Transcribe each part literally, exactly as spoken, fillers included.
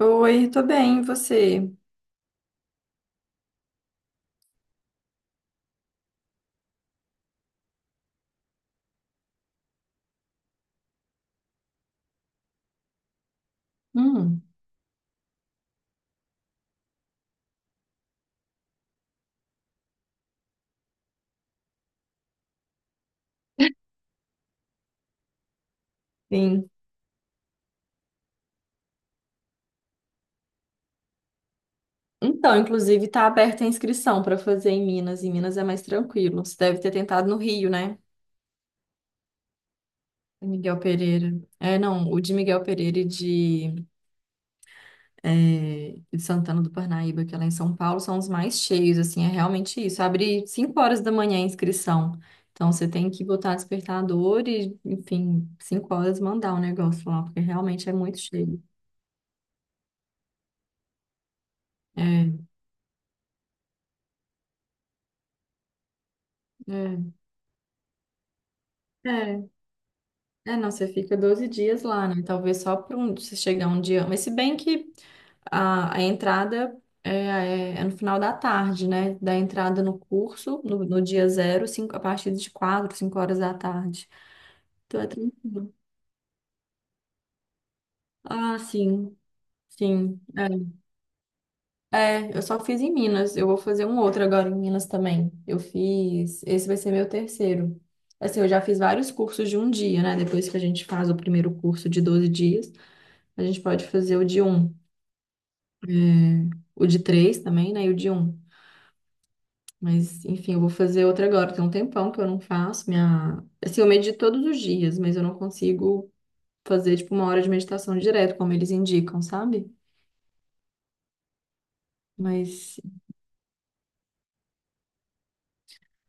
Oi, tô bem, e você? Hum, sim. Então, inclusive, tá aberta a inscrição para fazer em Minas. Em Minas é mais tranquilo. Você deve ter tentado no Rio, né? Miguel Pereira. É, não, o de Miguel Pereira e de, é, de Santana do Parnaíba, que é lá em São Paulo, são os mais cheios, assim, é realmente isso. Abre cinco horas da manhã a inscrição. Então, você tem que botar despertador e, enfim, cinco horas mandar o negócio lá, porque realmente é muito cheio. É, é. É, não, você fica doze dias lá, né? Talvez só para um, você chegar um dia. Mas se bem que a, a entrada é, é- é no final da tarde, né? Da entrada no curso, no, no dia zero, cinco, a partir de quatro cinco horas da tarde. Então é tranquilo. Ah, sim, sim. É. É, eu só fiz em Minas. Eu vou fazer um outro agora em Minas também. Eu fiz. Esse vai ser meu terceiro. Assim, eu já fiz vários cursos de um dia, né? Depois que a gente faz o primeiro curso de doze dias, a gente pode fazer o de um. É, o de três também, né? E o de um. Mas, enfim, eu vou fazer outra agora. Tem um tempão que eu não faço. Minha... Assim, eu medito todos os dias, mas eu não consigo fazer, tipo, uma hora de meditação direto, como eles indicam, sabe? Mas,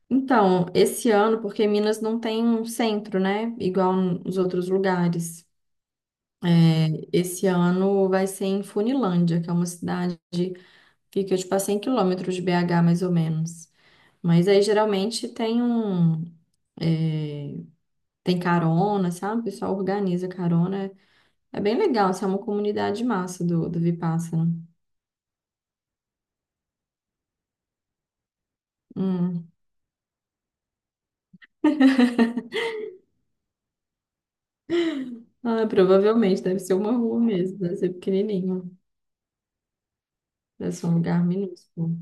então, esse ano, porque Minas não tem um centro, né? Igual nos outros lugares. É, esse ano vai ser em Funilândia, que é uma cidade que fica, tipo, a cem quilômetros de B H, mais ou menos. Mas aí, geralmente, tem um... é, tem carona, sabe? O pessoal organiza carona. É é bem legal, assim, é uma comunidade massa do, do Vipassana. Hum. Ah, provavelmente deve ser uma rua mesmo, deve ser pequenininho, deve ser um lugar minúsculo.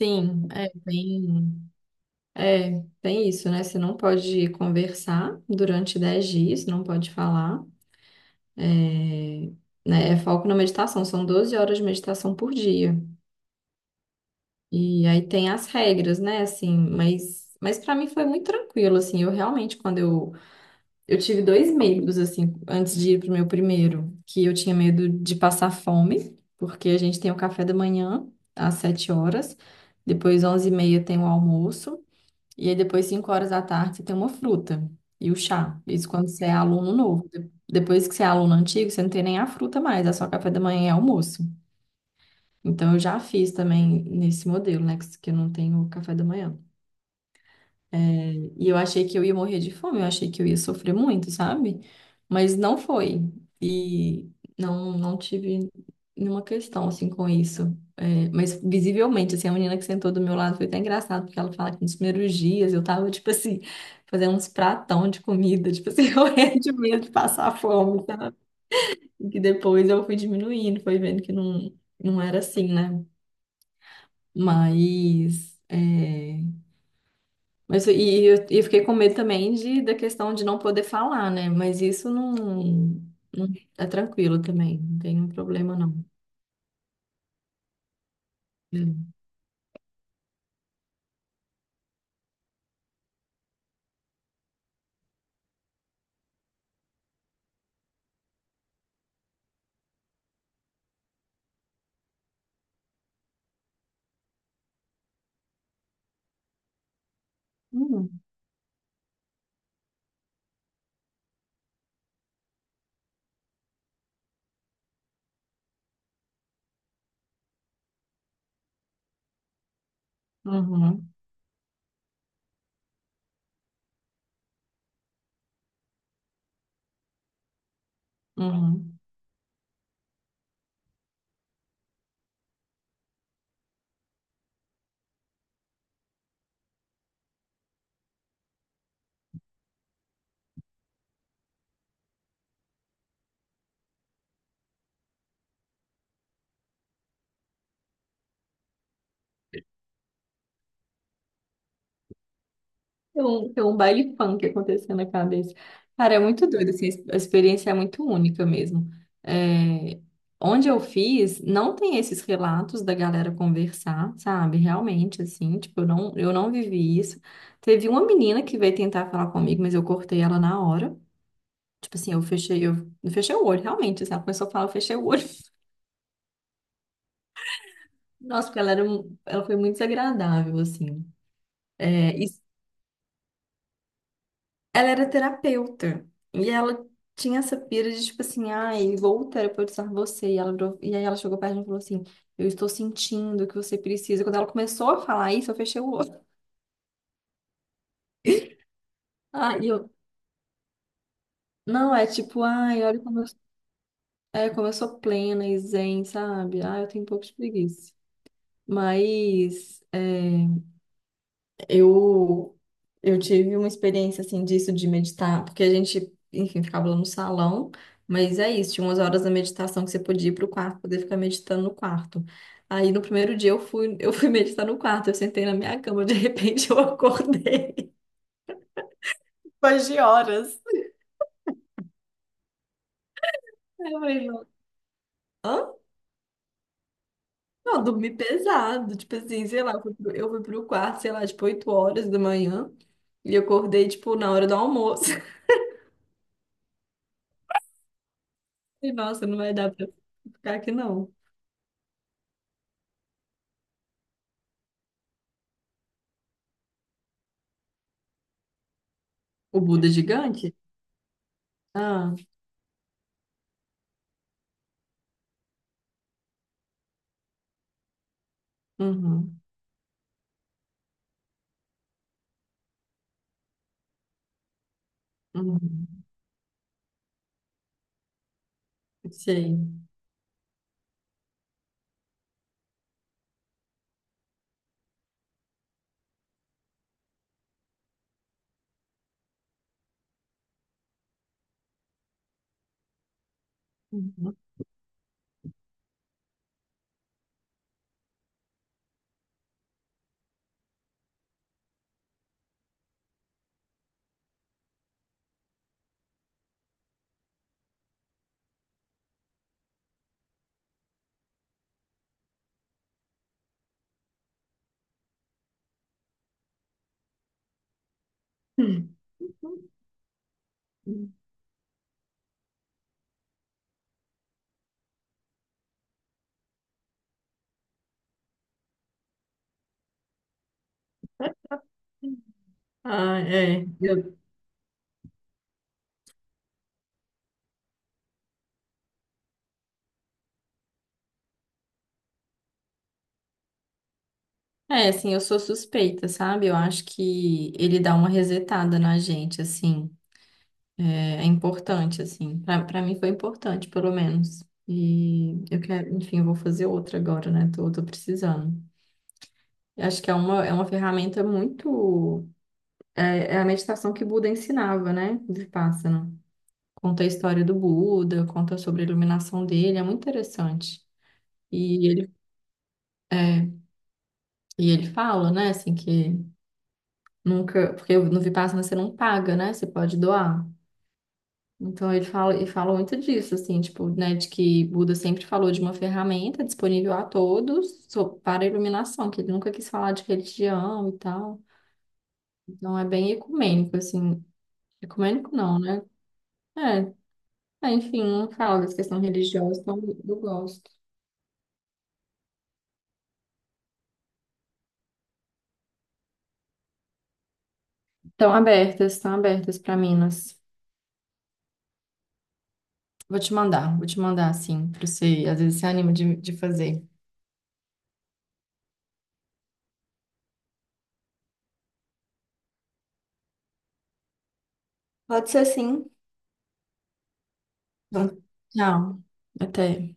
Sim, é, bem, é, tem isso, né? Você não pode conversar durante dez dias, não pode falar, é, né? É foco na meditação, são doze horas de meditação por dia. E aí tem as regras, né? Assim, mas, mas para mim foi muito tranquilo, assim, eu realmente, quando eu Eu tive dois medos, assim, antes de ir pro meu primeiro, que eu tinha medo de passar fome, porque a gente tem o café da manhã às sete horas, depois onze e meia tem o almoço, e aí depois cinco horas da tarde você tem uma fruta e o chá. Isso quando você é aluno novo. De- Depois que você é aluno antigo, você não tem nem a fruta mais, é só café da manhã e almoço. Então eu já fiz também nesse modelo, né, que que eu não tenho café da manhã. E eu achei que eu ia morrer de fome, eu achei que eu ia sofrer muito, sabe? Mas não foi. E não, não tive nenhuma questão, assim, com isso. É, mas visivelmente, assim, a menina que sentou do meu lado foi até engraçado, porque ela fala que nos primeiros dias eu tava, tipo assim, fazendo uns pratão de comida, tipo assim, morrendo de medo de passar fome, sabe? E que depois eu fui diminuindo, foi vendo que não, não era assim, né? Mas... é, mas e eu, e eu fiquei com medo também de, da questão de não poder falar, né? Mas isso não, não- é tranquilo também, não tem um problema não. É. Uhum, uhum, uhum. Tem um, tem um baile funk acontecendo na cabeça. Cara, é muito doido, assim, a experiência é muito única mesmo. É, onde eu fiz, não tem esses relatos da galera conversar, sabe? Realmente, assim, tipo, eu não, eu não vivi isso. Teve uma menina que veio tentar falar comigo, mas eu cortei ela na hora. Tipo assim, eu fechei, eu eu fechei o olho, realmente. Assim, ela começou a falar, eu fechei o olho. Nossa, porque ela era, um- ela foi muito desagradável, assim. É, e ela era terapeuta. E ela tinha essa pira de, tipo assim, ai, vou terapeutizar você. E ela virou- e aí ela chegou perto de mim e falou assim, eu estou sentindo que você precisa. Quando ela começou a falar isso, eu fechei o olho. Ah, e eu, não, é tipo, ai, olha como eu, é, como eu sou plena e zen, sabe? Ah, eu tenho um pouco de preguiça. Mas, é. Eu, eu tive uma experiência assim disso de meditar, porque a gente, enfim, ficava lá no salão, mas é isso, tinha umas horas da meditação que você podia ir pro quarto, poder ficar meditando no quarto. Aí no primeiro dia eu fui, eu fui meditar no quarto, eu sentei na minha cama, de repente eu acordei depois de horas. Aí eu falei, não, eu dormi pesado, tipo assim, sei lá, eu fui pro, eu fui pro quarto, sei lá, tipo oito horas da manhã, e eu acordei, tipo, na hora do almoço. Falei, nossa, não vai dar pra ficar aqui não. O Buda é gigante? Ah, uhum, uhum, sei. Uhum. Hum. Ah, é. Eu, é, assim, eu sou suspeita, sabe? Eu acho que ele dá uma resetada na gente, assim. É, é importante, assim. Pra, pra mim foi importante, pelo menos. E eu quero, enfim, eu vou fazer outra agora, né? Tô, tô precisando. Eu acho que é uma, é uma ferramenta muito. É, é a meditação que Buda ensinava, né? De pássaro. Conta a história do Buda, conta sobre a iluminação dele, é muito interessante. E ele, é, e ele fala, né, assim, que nunca, porque no Vipassana você não paga, né, você pode doar. Então ele fala, ele fala muito disso, assim, tipo, né, de que Buda sempre falou de uma ferramenta disponível a todos so- para a iluminação, que ele nunca quis falar de religião e tal. Então é bem ecumênico, assim, ecumênico não, né? É, é, enfim, não fala dessa questão religiosa, então eu gosto. Estão abertas, estão abertas para Minas. Vou te mandar, vou te mandar assim, para você, às vezes você anima de, de fazer. Pode ser sim. Então, tchau. Até.